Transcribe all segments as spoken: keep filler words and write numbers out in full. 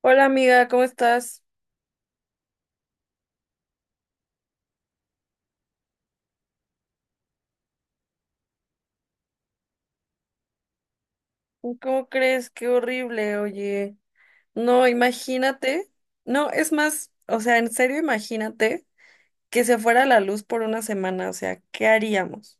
Hola amiga, ¿cómo estás? ¿Cómo crees? Qué horrible, oye. No, imagínate. No, es más, o sea, en serio, imagínate que se fuera la luz por una semana, o sea, ¿qué haríamos?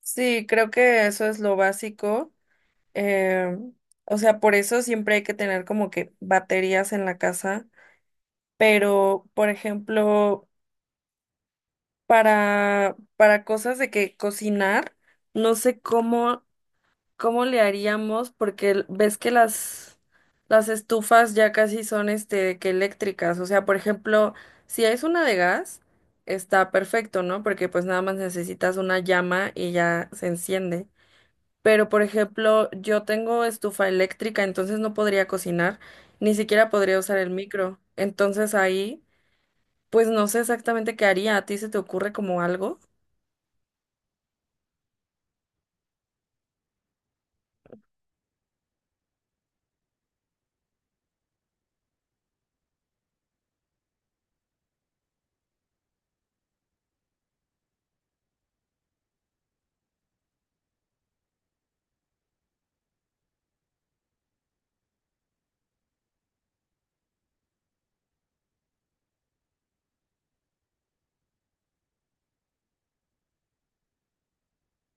Sí, creo que eso es lo básico. eh, o sea, por eso siempre hay que tener como que baterías en la casa, pero, por ejemplo, para, para cosas de que cocinar, no sé cómo. ¿Cómo le haríamos? Porque l- ves que las, las estufas ya casi son este de que eléctricas. O sea, por ejemplo, si es una de gas, está perfecto, ¿no? Porque pues nada más necesitas una llama y ya se enciende. Pero, por ejemplo, yo tengo estufa eléctrica, entonces no podría cocinar, ni siquiera podría usar el micro. Entonces ahí, pues no sé exactamente qué haría. ¿A ti se te ocurre como algo?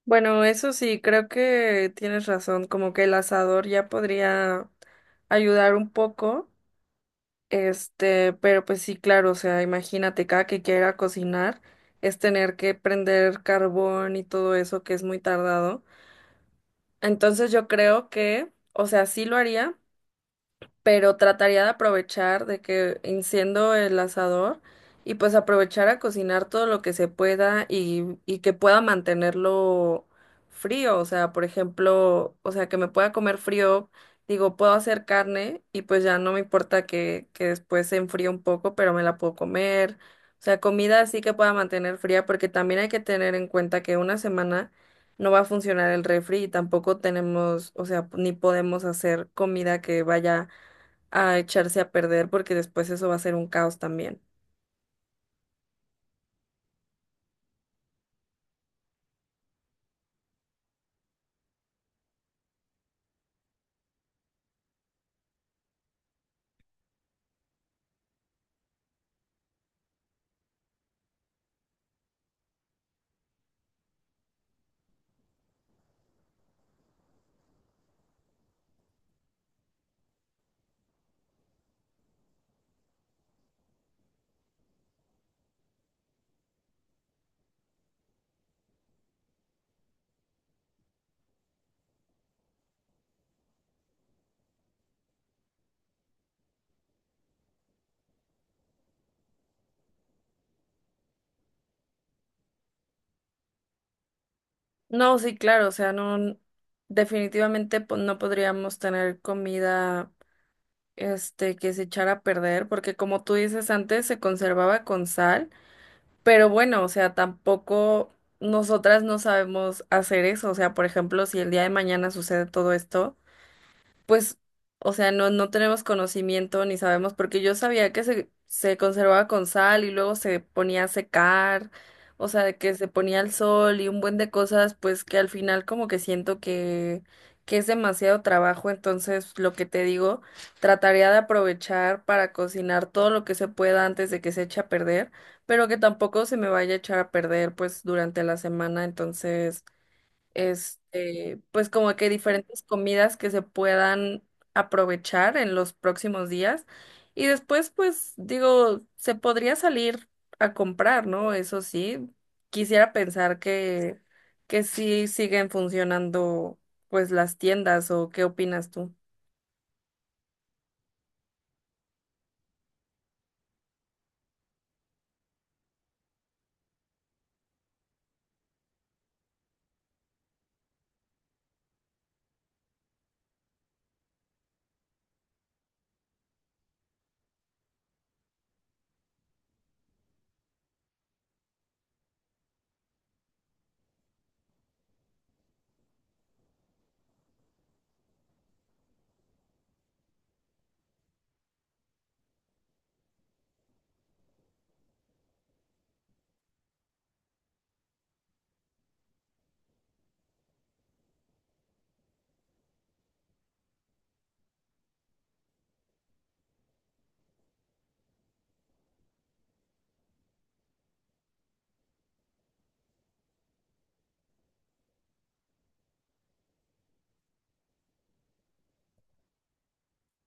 Bueno, eso sí, creo que tienes razón, como que el asador ya podría ayudar un poco, este, pero pues sí, claro, o sea, imagínate, cada que quiera cocinar es tener que prender carbón y todo eso que es muy tardado. Entonces yo creo que, o sea, sí lo haría, pero trataría de aprovechar de que enciendo el asador y pues aprovechar a cocinar todo lo que se pueda y, y que pueda mantenerlo frío, o sea, por ejemplo, o sea, que me pueda comer frío, digo, puedo hacer carne y pues ya no me importa que, que después se enfríe un poco, pero me la puedo comer, o sea, comida así que pueda mantener fría, porque también hay que tener en cuenta que una semana no va a funcionar el refri y tampoco tenemos, o sea, ni podemos hacer comida que vaya a echarse a perder porque después eso va a ser un caos también. No, sí, claro, o sea, no, definitivamente po- no podríamos tener comida, este, que se echara a perder porque como tú dices antes se conservaba con sal, pero bueno, o sea, tampoco nosotras no sabemos hacer eso, o sea, por ejemplo, si el día de mañana sucede todo esto. Pues, o sea, no, no tenemos conocimiento ni sabemos, porque yo sabía que se, se conservaba con sal y luego se ponía a secar, o sea, que se ponía al sol y un buen de cosas, pues que al final como que siento que, que es demasiado trabajo, entonces lo que te digo, trataría de aprovechar para cocinar todo lo que se pueda antes de que se eche a perder, pero que tampoco se me vaya a echar a perder pues durante la semana, entonces este, pues como que diferentes comidas que se puedan aprovechar en los próximos días. Y después, pues digo, se podría salir a comprar, ¿no? Eso sí, quisiera pensar que, que sí siguen funcionando pues las tiendas o qué opinas tú.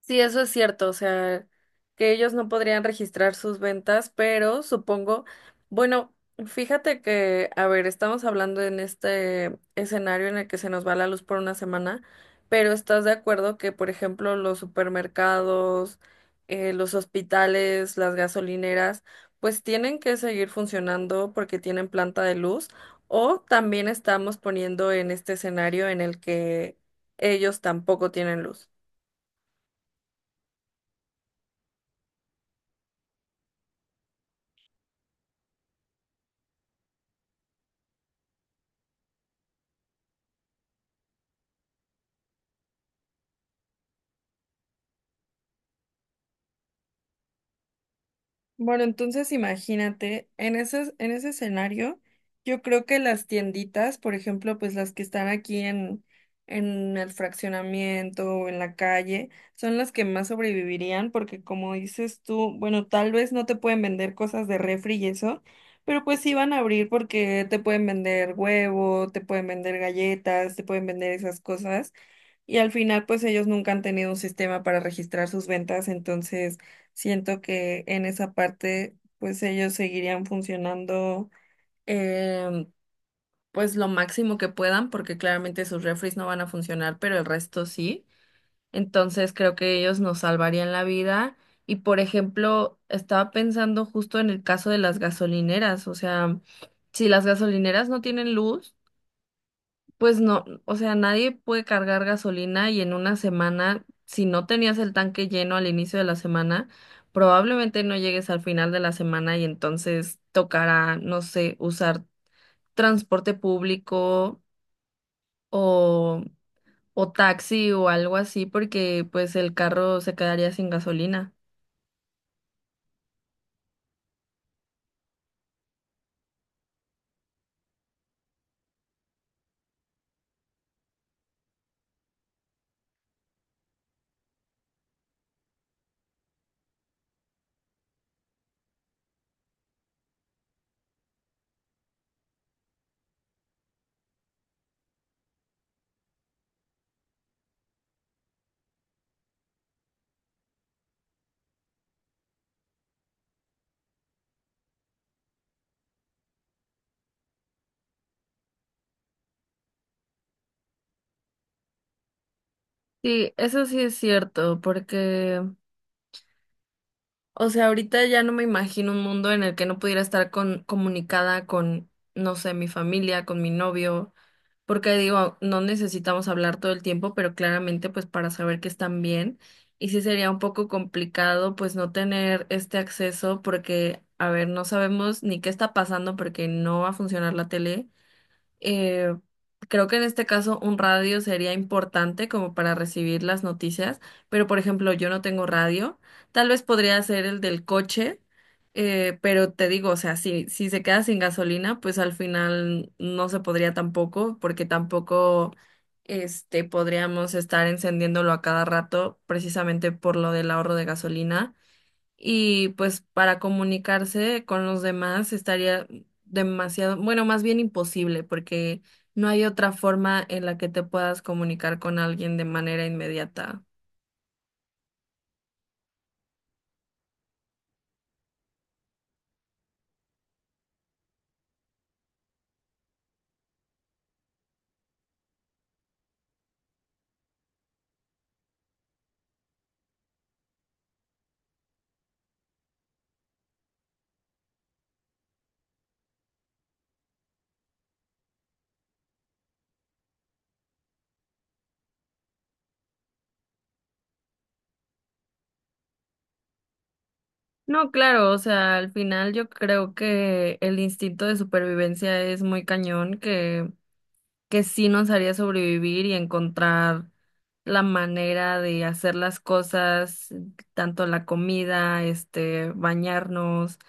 Sí, eso es cierto, o sea, que ellos no podrían registrar sus ventas, pero supongo, bueno, fíjate que, a ver, estamos hablando en este escenario en el que se nos va la luz por una semana, pero ¿estás de acuerdo que, por ejemplo, los supermercados, eh, los hospitales, las gasolineras, pues tienen que seguir funcionando porque tienen planta de luz? O también estamos poniendo en este escenario en el que ellos tampoco tienen luz. Bueno, entonces imagínate, en ese, en ese escenario, yo creo que las tienditas, por ejemplo, pues las que están aquí en, en, el fraccionamiento o en la calle, son las que más sobrevivirían porque como dices tú, bueno, tal vez no te pueden vender cosas de refri y eso, pero pues sí van a abrir porque te pueden vender huevo, te pueden vender galletas, te pueden vender esas cosas y al final pues ellos nunca han tenido un sistema para registrar sus ventas, entonces... Siento que en esa parte, pues ellos seguirían funcionando, em, pues lo máximo que puedan, porque claramente sus refries no van a funcionar, pero el resto sí. Entonces creo que ellos nos salvarían la vida. Y por ejemplo, estaba pensando justo en el caso de las gasolineras, o sea, si las gasolineras no tienen luz, pues no, o sea, nadie puede cargar gasolina y en una semana, si no tenías el tanque lleno al inicio de la semana, probablemente no llegues al final de la semana y entonces tocará, no sé, usar transporte público o, o taxi o algo así porque pues el carro se quedaría sin gasolina. Sí, eso sí es cierto, porque, o sea, ahorita ya no me imagino un mundo en el que no pudiera estar con, comunicada con, no sé, mi familia, con mi novio. Porque digo, no necesitamos hablar todo el tiempo, pero claramente pues para saber que están bien. Y sí sería un poco complicado pues no tener este acceso porque, a ver, no sabemos ni qué está pasando porque no va a funcionar la tele. Eh, creo que en este caso un radio sería importante como para recibir las noticias, pero por ejemplo yo no tengo radio, tal vez podría ser el del coche, eh, pero te digo, o sea, si, si, se queda sin gasolina, pues al final no se podría tampoco, porque tampoco este, podríamos estar encendiéndolo a cada rato precisamente por lo del ahorro de gasolina y pues para comunicarse con los demás estaría demasiado, bueno, más bien imposible, porque no hay otra forma en la que te puedas comunicar con alguien de manera inmediata. No, claro, o sea, al final yo creo que el instinto de supervivencia es muy cañón, que que sí nos haría sobrevivir y encontrar la manera de hacer las cosas, tanto la comida, este, bañarnos,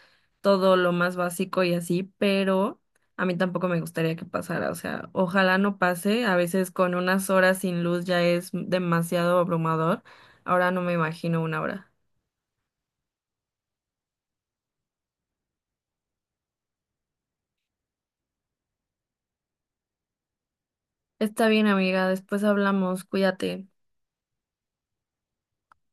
todo lo más básico y así, pero a mí tampoco me gustaría que pasara, o sea, ojalá no pase, a veces con unas horas sin luz ya es demasiado abrumador, ahora no me imagino una hora. Está bien, amiga, después hablamos, cuídate.